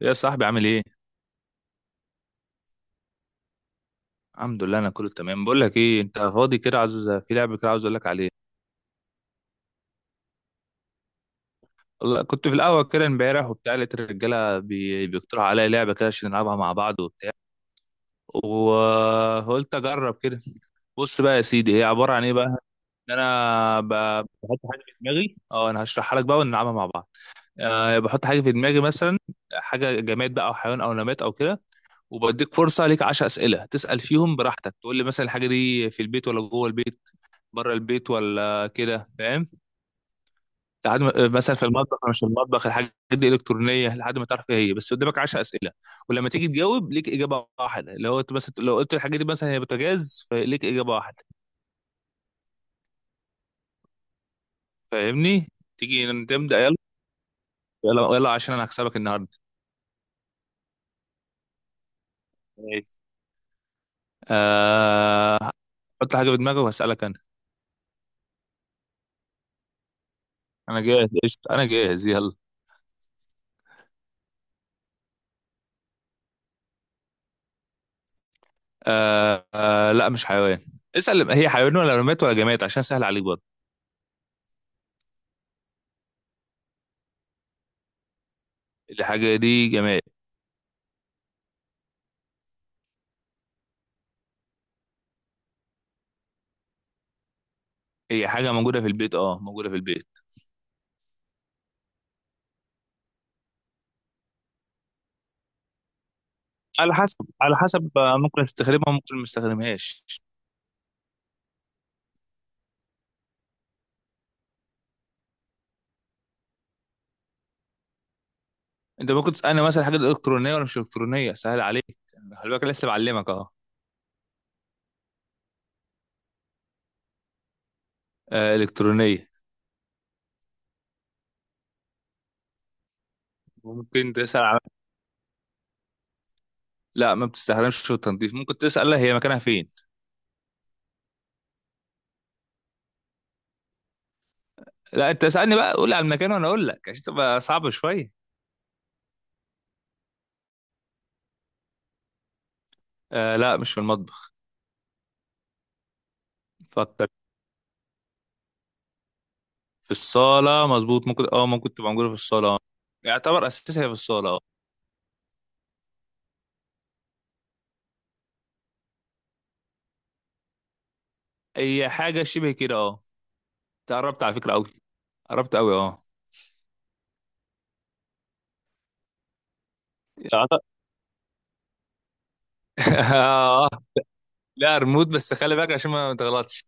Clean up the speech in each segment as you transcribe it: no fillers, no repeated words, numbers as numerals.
يا صاحبي، عامل ايه؟ الحمد لله، انا كله تمام. بقول لك ايه، انت فاضي كده؟ عاوز في لعبه كده، عاوز اقول لك عليها. والله كنت في القهوه كده امبارح وبتاع، لقيت الرجاله بيقترحوا عليا لعبه كده عشان نلعبها مع بعض وبتاع. وقلت اجرب كده. بص بقى يا سيدي، هي عباره عن ايه بقى؟ ان انا بحط حاجه في دماغي. اه انا هشرحها لك بقى ونلعبها مع بعض. بحط حاجه في دماغي مثلا، حاجه جماد بقى او حيوان او نبات او كده. وبديك فرصه، ليك 10 اسئله تسال فيهم براحتك، تقول لي مثلا الحاجه دي في البيت ولا جوه البيت، بره البيت ولا كده، فاهم؟ لحد ما مثلا في المطبخ أو مش في المطبخ، الحاجات دي الكترونيه، لحد ما تعرف ايه هي. بس قدامك 10 اسئله. ولما تيجي تجاوب، ليك اجابه واحده. لو انت مثلا لو قلت الحاجه دي مثلا هي بوتاجاز، فليك اجابه واحده. فاهمني؟ تيجي نبدا، يلا. يلا يلا، عشان انا هكسبك النهارده. ماشي. آه... حط حاجه في دماغك وهسالك انا. انا جاهز، قشطه، انا جاهز يلا. لا، مش حيوان. اسال هي حيوان ولا رماد ولا جماد، عشان سهل عليك برضه. الحاجه دي جماد. هي حاجة موجودة في البيت، موجودة في البيت. على حسب على حسب، ممكن تستخدمها ممكن ما تستخدمهاش. انت ممكن تسألني مثلا حاجة إلكترونية ولا مش إلكترونية، سهل عليك. يعني خلي بالك، لسه بعلمك اهو. إلكترونية. ممكن تسأل على. لا، ما بتستخدمش في التنظيف. ممكن تسأل هي مكانها فين. لا، انت اسألني بقى، قول لي على المكان وانا اقول لك، عشان تبقى صعبة شوية. آه، لا، مش في المطبخ. فكر. في الصالة، مظبوط. ممكن تبقى موجودة في الصالة اه يعتبر أساسها في الصالة اه هي حاجة شبه كده اه قربت على فكرة، قوي. قربت قوي اه أعت- اه. لا، ريموت، بس خلي بالك عشان ما تغلطش.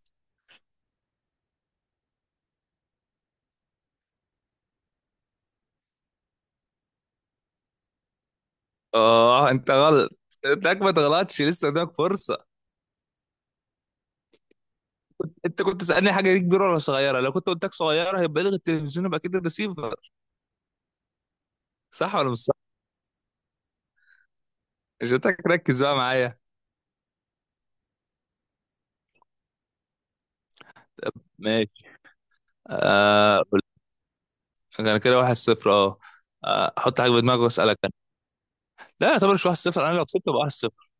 اه، انت غلط. انتك ما تغلطش، لسه قدامك فرصة. انت كنت تسألني حاجة دي كبيرة ولا صغيرة؟ لو كنت قلت لك صغيرة هيبقى لغي التلفزيون، يبقى كده الريسيفر. صح ولا مش صح؟ مش هتك ركز بقى معايا. ماشي. آه انا كده واحد صفر اه حط حاجة في دماغك واسألك انا. لا، يعتبر مش واحد صفر، انا لو كسبت يبقى واحد صفر.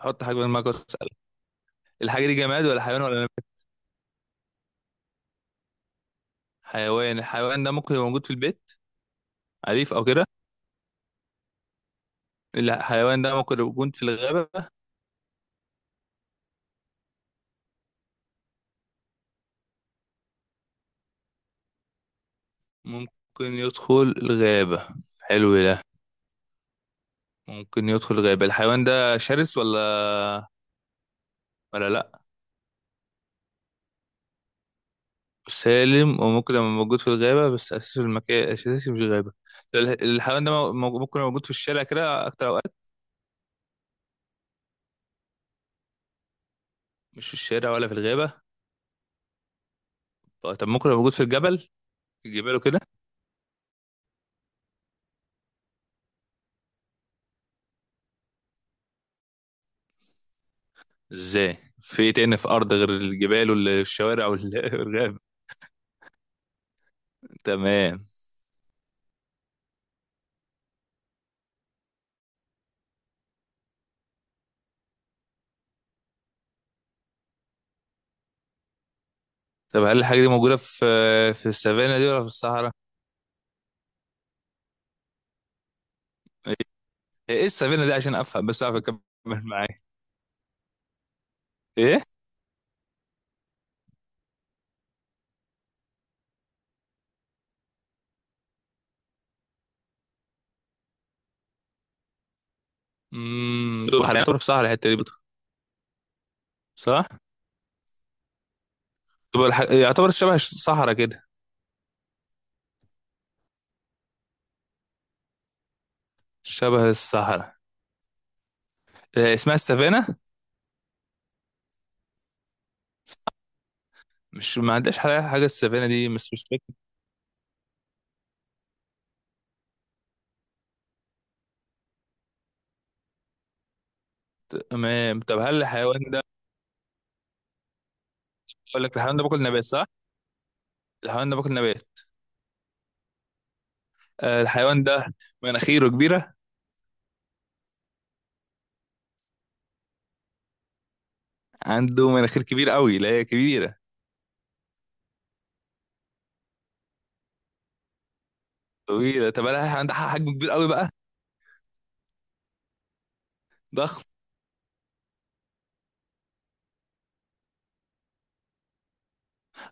حط حاجة في دماغك واسألك. الحاجة دي جماد ولا حيوان ولا نبات؟ حيوان. الحيوان ده ممكن يبقى موجود في البيت؟ أليف أو كده؟ الحيوان ده ممكن لو كنت في الغابة؟ ممكن يدخل الغابة. حلو ده. ممكن يدخل الغابة. الحيوان ده شرس ولا؟ ولا لأ؟ سالم. وممكن لما موجود في الغابة بس أساسي في المكان أساسي مش الغابة. الحيوان ده ممكن يبقى موجود في الشارع كده أكتر أوقات؟ مش في الشارع ولا في الغابة؟ طب، ممكن يبقى موجود في الجبل؟ في الجبال وكده؟ ازاي، في ايه تاني في أرض غير الجبال والشوارع والغابة؟ تمام. طب هل الحاجة دي موجودة في السافانا دي ولا في الصحراء؟ إيه السفينه دي؟ عشان افهم بس اعرف اكمل. معاك. ايه؟ دول حاليا يعتبر في صحراء، الحته دي بطل. صح. دول يعتبر شبه الصحراء كده. شبه الصحراء. إيه اسمها السفينه؟ مش، ما عندهاش حاجه، حاجه السفينه دي مش سسبكت. تمام. طب هل الحيوان ده؟ اقول لك الحيوان ده باكل نبات، صح؟ الحيوان ده باكل نبات. آه، الحيوان ده مناخيره كبيره. عنده مناخير كبيره قوي؟ لا، هي كبيره. طويله. طب هل الحيوان ده حجم كبير قوي بقى؟ ضخم.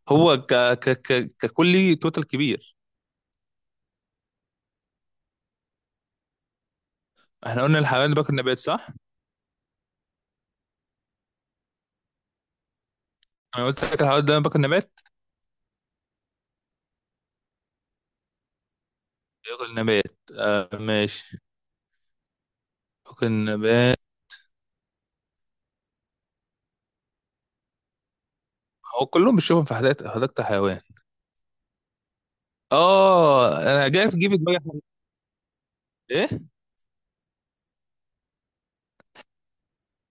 هو ك... ك... ك... ككلي توتال كبير. احنا قلنا الحيوان ده باكل نبات، صح؟ انا قلت لك الحوار ده باكل نبات. باكل نبات، ماشي. باكل نبات. هو كلهم بتشوفهم في حديقة الحيوان. اه، انا جاي في جيب في دماغي حاجة. ايه؟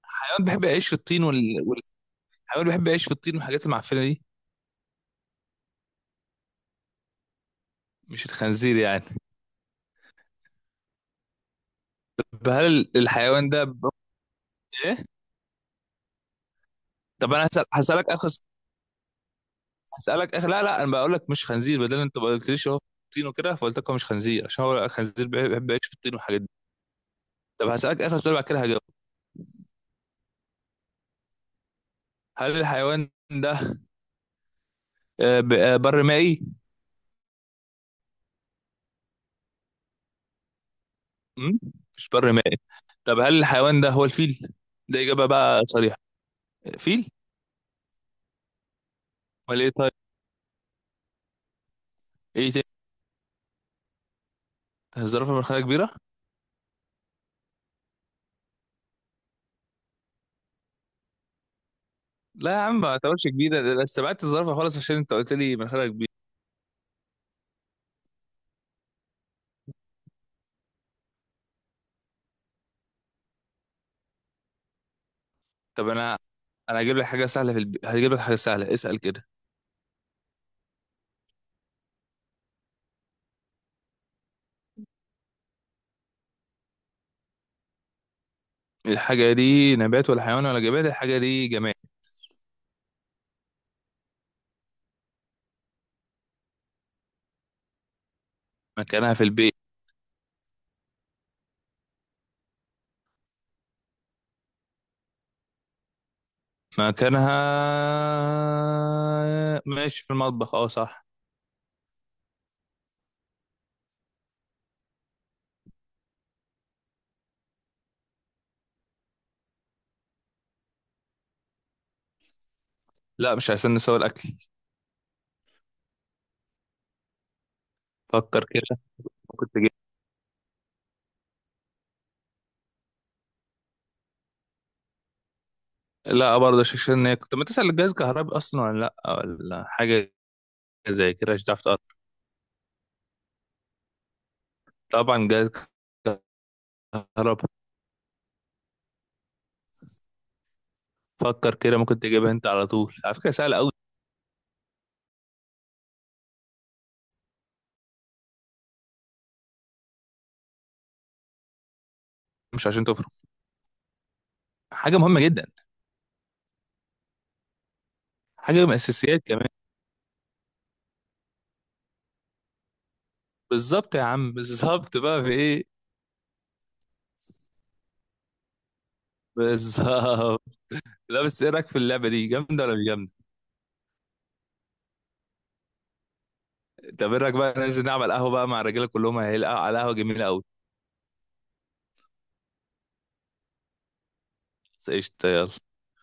حيوان بيحب يعيش في الطين والحيوان بيحب يعيش في الطين والحاجات المعفنة دي. مش الخنزير يعني؟ طب هل الحيوان ده ايه؟ طب انا هسألك اخر هسألك اخر. لا لا، انا بقول لك مش خنزير، بدل انت ما قلتليش هو الطين وكده، فقلت لك هو مش خنزير، عشان هو الخنزير بيحب يعيش في الطين والحاجات دي. طب هسألك اخر سؤال بعد كده هجاوب. هل الحيوان ده؟ بر مائي؟ مم؟ مش بر مائي؟ طب هل الحيوان ده هو الفيل؟ ده إجابة بقى صريحة. فيل؟ ولا إيه؟ طيب. إيه تاني؟ الزرافة مناخيرها كبيرة؟ لا يا عم، ما اعتبرش كبيرة ده، أنا استبعدت الزرافة خالص عشان أنت قلت لي مناخيرها كبيرة. طب أنا هجيب لك حاجة سهلة في هجيب لك حاجة سهلة، اسأل كده. الحاجة دي نبات ولا حيوان ولا جماد؟ الحاجة دي جماد. مكانها في البيت. مكانها، ماشي، في المطبخ، اه، صح. لا، مش عشان نسوي الأكل. فكر كده. كنت. لا برضه، شكشنة كنت بتسأل الجهاز كهربي أصلا ولا لأ ولا حاجة؟ زي كده مش هتعرف تقرب. طبعا جهاز كهرباء. فكر كده، ممكن تجيبها أنت على طول، على فكرة سهلة أوي. مش عشان تفرق. حاجة مهمة جدا. حاجة من الأساسيات كمان. بالظبط يا عم، بالظبط بقى في إيه؟ بالظبط. لا، بس إيه رأيك في اللعبة دي، جامدة ولا مش جامدة؟ طب إيه رأيك بقى ننزل نعمل قهوة بقى مع الرجالة، كلهم هيلقوا على قهوة جميلة أوي. قشطة، يلا.